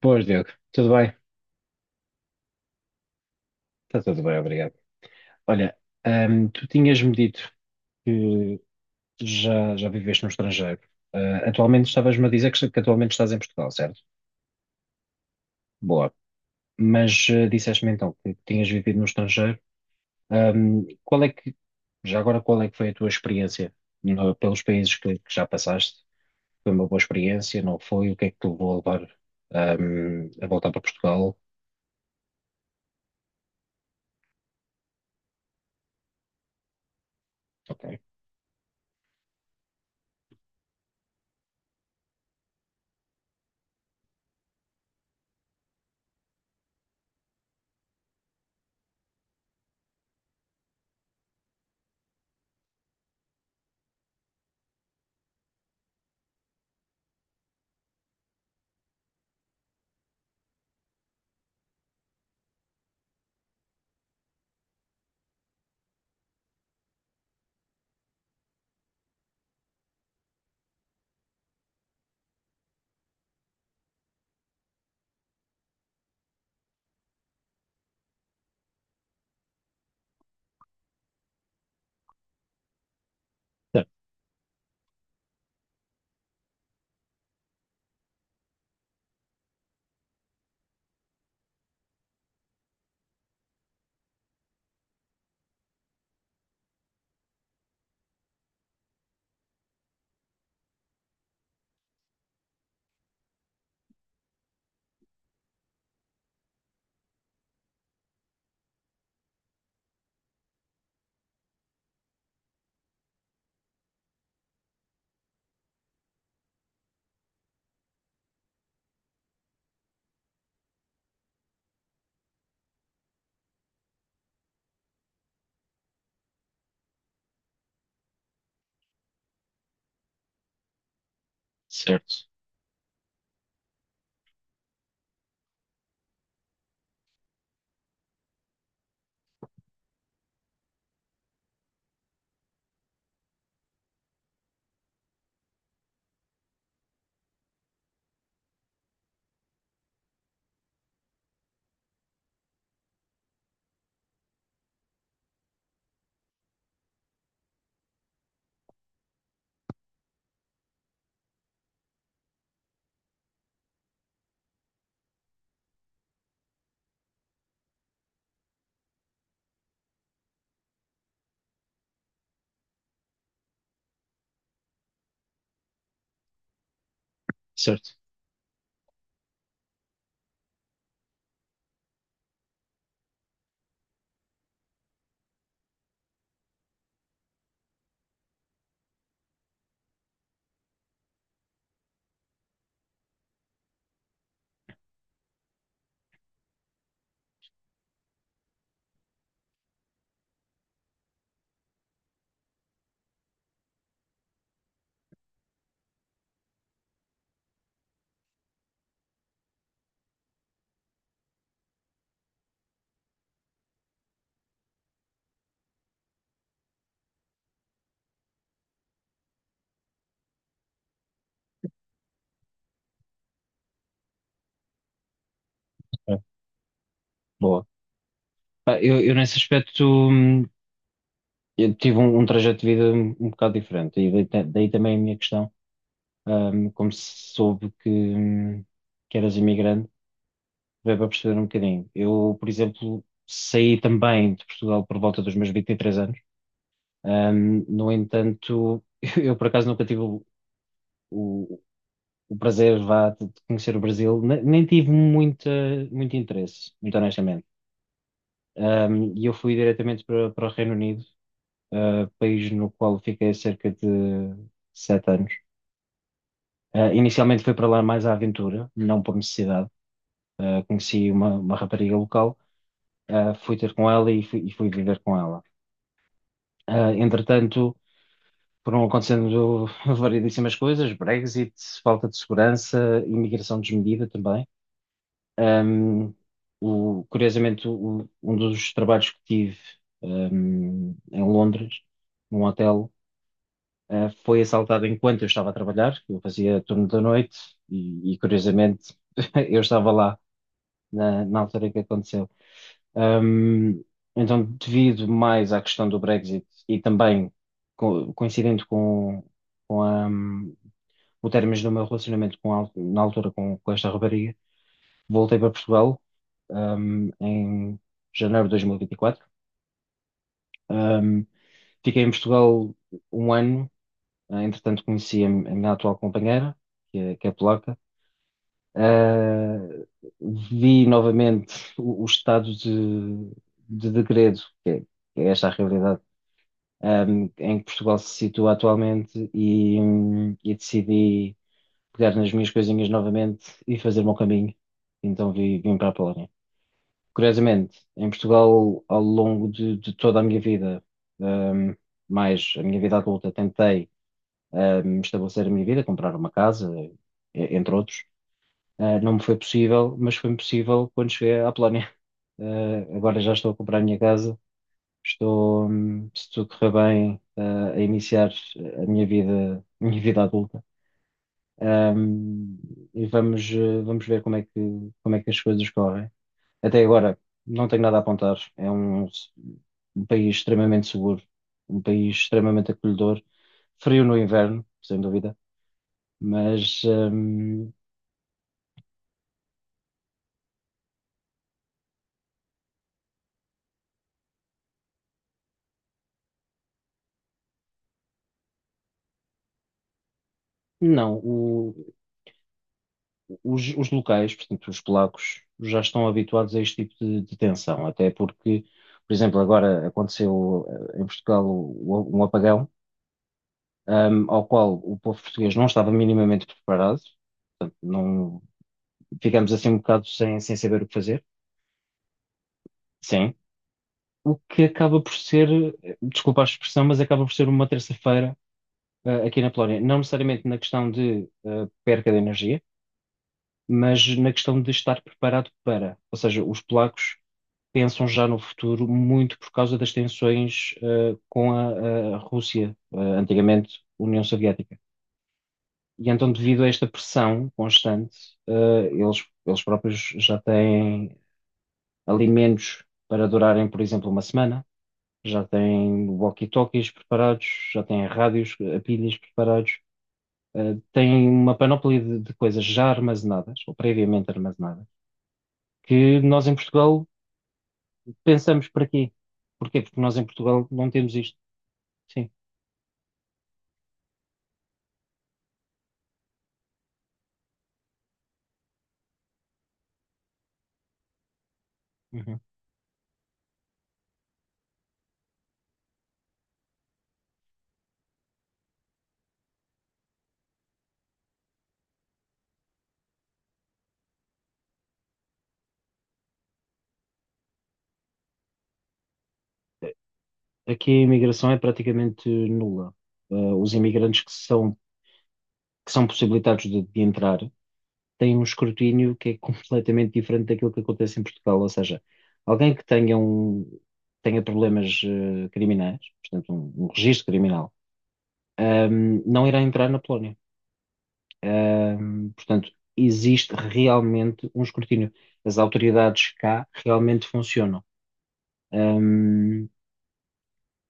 Boas, Diogo. Tudo bem? Está tudo bem, obrigado. Olha, tu tinhas-me dito que já viveste no estrangeiro. Atualmente estavas-me a dizer que atualmente estás em Portugal, certo? Boa. Mas disseste-me então que tinhas vivido no estrangeiro. Ahm, qual é que, Já agora, qual é que foi a tua experiência pelos países que já passaste? Foi uma boa experiência? Não foi? O que é que te levou a a voltar para Portugal? Ok. Certo, certo. Ok, boa. Pá, eu nesse aspecto hum, eu tive um trajeto de vida um bocado diferente, e daí, daí também a minha questão. Como se soube que eras imigrante, veio para perceber um bocadinho. Eu, por exemplo, saí também de Portugal por volta dos meus 23 anos. No entanto, eu por acaso nunca tive o, o prazer, vá, de conhecer o Brasil, nem tive muito interesse, muito honestamente. E eu fui diretamente para o Reino Unido, país no qual fiquei cerca de sete anos. Inicialmente fui para lá mais à aventura, não por necessidade. Conheci uma rapariga local. Fui ter com ela e fui viver com ela. Entretanto, foram acontecendo variedíssimas coisas, Brexit, falta de segurança, imigração desmedida também. Ahm, Curiosamente, um dos trabalhos que tive, em Londres, num hotel, foi assaltado enquanto eu estava a trabalhar, eu fazia turno da noite e, curiosamente, eu estava lá na altura em que aconteceu. Ahm, então, devido mais à questão do Brexit e também coincidente com o término do meu relacionamento com na altura com esta rapariga, voltei para Portugal, em janeiro de 2024. Ahm, Fiquei em Portugal um ano. Entretanto, conheci a minha atual companheira, que é polaca. Ah, Vi novamente o estado de degredo, que é esta a realidade, em que Portugal se situa atualmente e decidi pegar nas minhas coisinhas novamente e fazer o meu caminho. Então vim para a Polónia. Curiosamente, em Portugal, ao longo de toda a minha vida, ahm, mais a minha vida adulta, tentei estabelecer a minha vida, comprar uma casa, entre outros. Não me foi possível, mas foi-me possível quando cheguei à Polónia. Agora já estou a comprar a minha casa, estou, se tudo correr bem, a iniciar a minha vida adulta. Um, e vamos, vamos ver como é que as coisas correm. Até agora, não tenho nada a apontar. É um país extremamente seguro, um país extremamente acolhedor, frio no inverno, sem dúvida, mas não. Os os, locais, portanto, os polacos, já estão habituados a este tipo de tensão, até porque, por exemplo, agora aconteceu, em Portugal, um apagão, ao qual o povo português não estava minimamente preparado, não, ficamos assim um bocado sem saber o que fazer, sim, o que acaba por ser, desculpa a expressão, mas acaba por ser uma terça-feira. Aqui na Polónia, não necessariamente na questão de perca de energia, mas na questão de estar preparado para. Ou seja, os polacos pensam já no futuro muito por causa das tensões com a Rússia, antigamente União Soviética. E então, devido a esta pressão constante, eles próprios já têm alimentos para durarem, por exemplo, uma semana, já têm walkie-talkies preparados, já têm rádios a pilhas preparados. Têm uma panóplia de coisas já armazenadas, ou previamente armazenadas, que nós em Portugal pensamos para quê? Porquê? Porque nós em Portugal não temos isto. Sim. Uhum. Aqui a imigração é praticamente nula. Os imigrantes que são possibilitados de entrar têm um escrutínio que é completamente diferente daquilo que acontece em Portugal. Ou seja, alguém que tenha problemas criminais, portanto, um registro criminal, não irá entrar na Polónia. Portanto, existe realmente um escrutínio. As autoridades cá realmente funcionam. Ahm,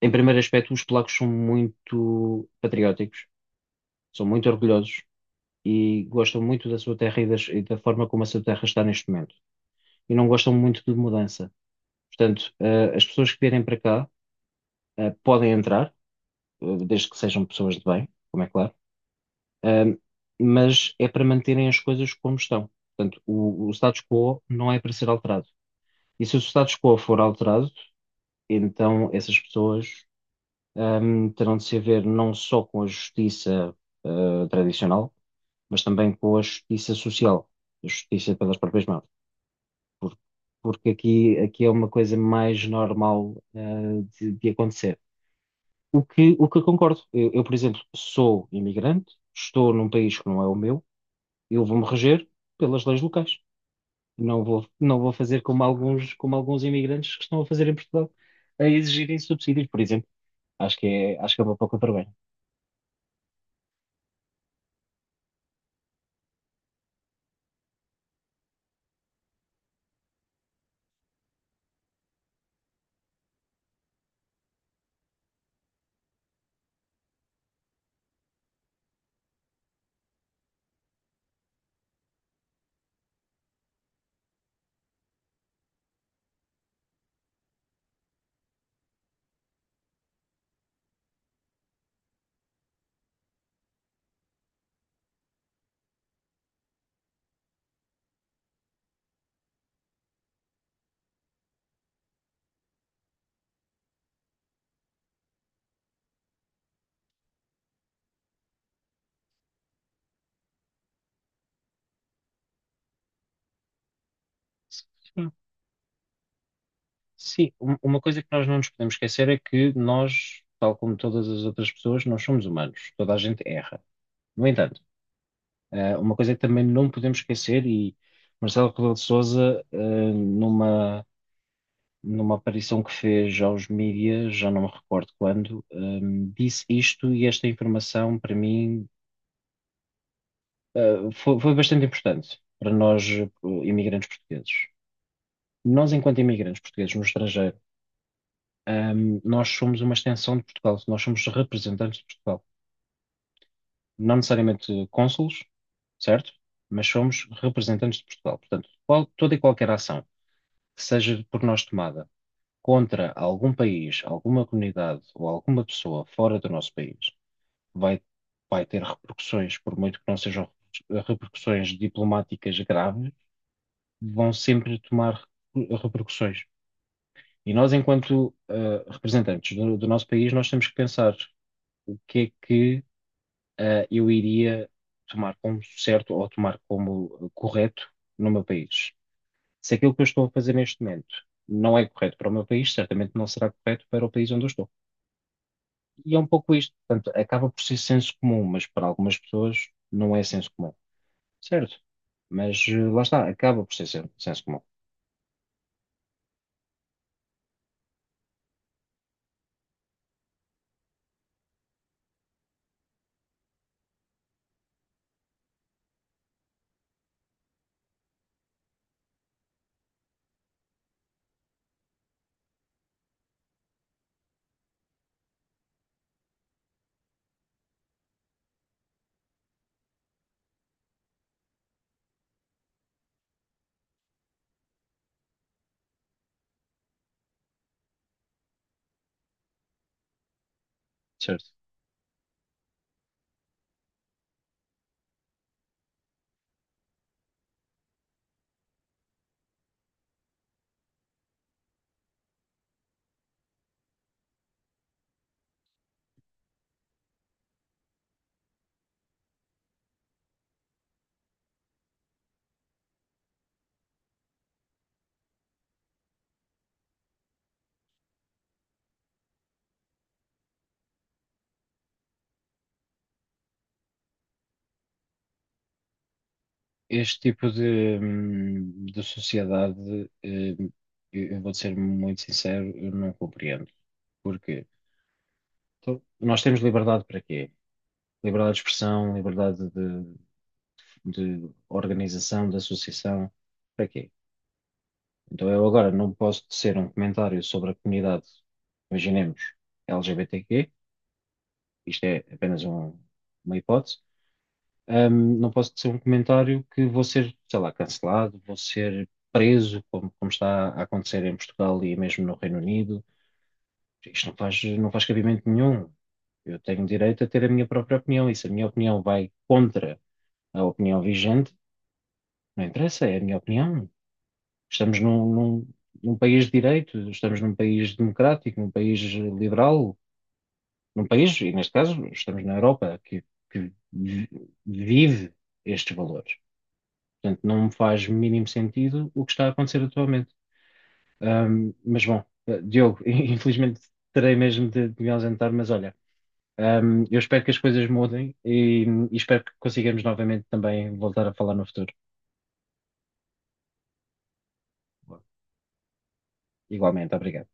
Em primeiro aspecto, os polacos são muito patrióticos, são muito orgulhosos e gostam muito da sua terra e, e da forma como a sua terra está neste momento. E não gostam muito de mudança. Portanto, as pessoas que vierem para cá, podem entrar, desde que sejam pessoas de bem, como é claro. Ahm, mas é para manterem as coisas como estão. Portanto, o status quo não é para ser alterado. E se o status quo for alterado, então essas pessoas, terão de se haver não só com a justiça tradicional, mas também com a justiça social, a justiça pelas próprias mãos. Por- Porque aqui é uma coisa mais normal de acontecer. O que eu concordo. Eu, por exemplo, sou imigrante, estou num país que não é o meu, eu vou-me reger pelas leis locais. Não vou fazer como alguns imigrantes que estão a fazer em Portugal, a exigirem subsídios, por exemplo. Acho que é uma pouca vergonha. Sim, sim, uma coisa que nós não nos podemos esquecer é que nós, tal como todas as outras pessoas, nós somos humanos. Toda a gente erra. No entanto, uma coisa que também não podemos esquecer, e Marcelo Rebelo de Sousa, numa aparição que fez aos mídias, já não me recordo quando, disse isto e esta informação para mim, foi bastante importante para nós, imigrantes portugueses. Nós, enquanto imigrantes portugueses no estrangeiro, nós somos uma extensão de Portugal, nós somos representantes de Portugal. Não necessariamente cônsules, certo? Mas somos representantes de Portugal. Portanto, toda e qualquer ação que seja por nós tomada contra algum país, alguma comunidade ou alguma pessoa fora do nosso país vai, vai ter repercussões, por muito que não sejam repercussões diplomáticas graves, vão sempre tomar repercussões. E nós, enquanto representantes do nosso país, nós temos que pensar o que é que eu iria tomar como certo ou tomar como correto no meu país. Se aquilo que eu estou a fazer neste momento não é correto para o meu país, certamente não será correto para o país onde eu estou. E é um pouco isto. Portanto, acaba por ser senso comum, mas para algumas pessoas não é senso comum. Certo? Mas lá está, acaba por ser senso comum. Certo. Este tipo de sociedade, hum, eu vou ser muito sincero, eu não compreendo. Porquê? Então, nós temos liberdade para quê? Liberdade de expressão, liberdade de organização, de associação, para quê? Então eu agora não posso tecer um comentário sobre a comunidade, imaginemos, LGBTQ, isto é apenas uma hipótese. Não posso ser um comentário que vou ser, sei lá, cancelado, vou ser preso, como está a acontecer em Portugal e mesmo no Reino Unido. Isto não faz cabimento nenhum. Eu tenho direito a ter a minha própria opinião e se a minha opinião vai contra a opinião vigente, não interessa, é a minha opinião. Estamos num país de direito, estamos num país democrático, num país liberal, num país, e neste caso estamos na Europa, que, que vive estes valores. Portanto, não me faz mínimo sentido o que está a acontecer atualmente. Mas bom, Diogo, infelizmente terei mesmo de me ausentar, mas olha, eu espero que as coisas mudem e espero que consigamos novamente também voltar a falar no futuro. Igualmente, obrigado.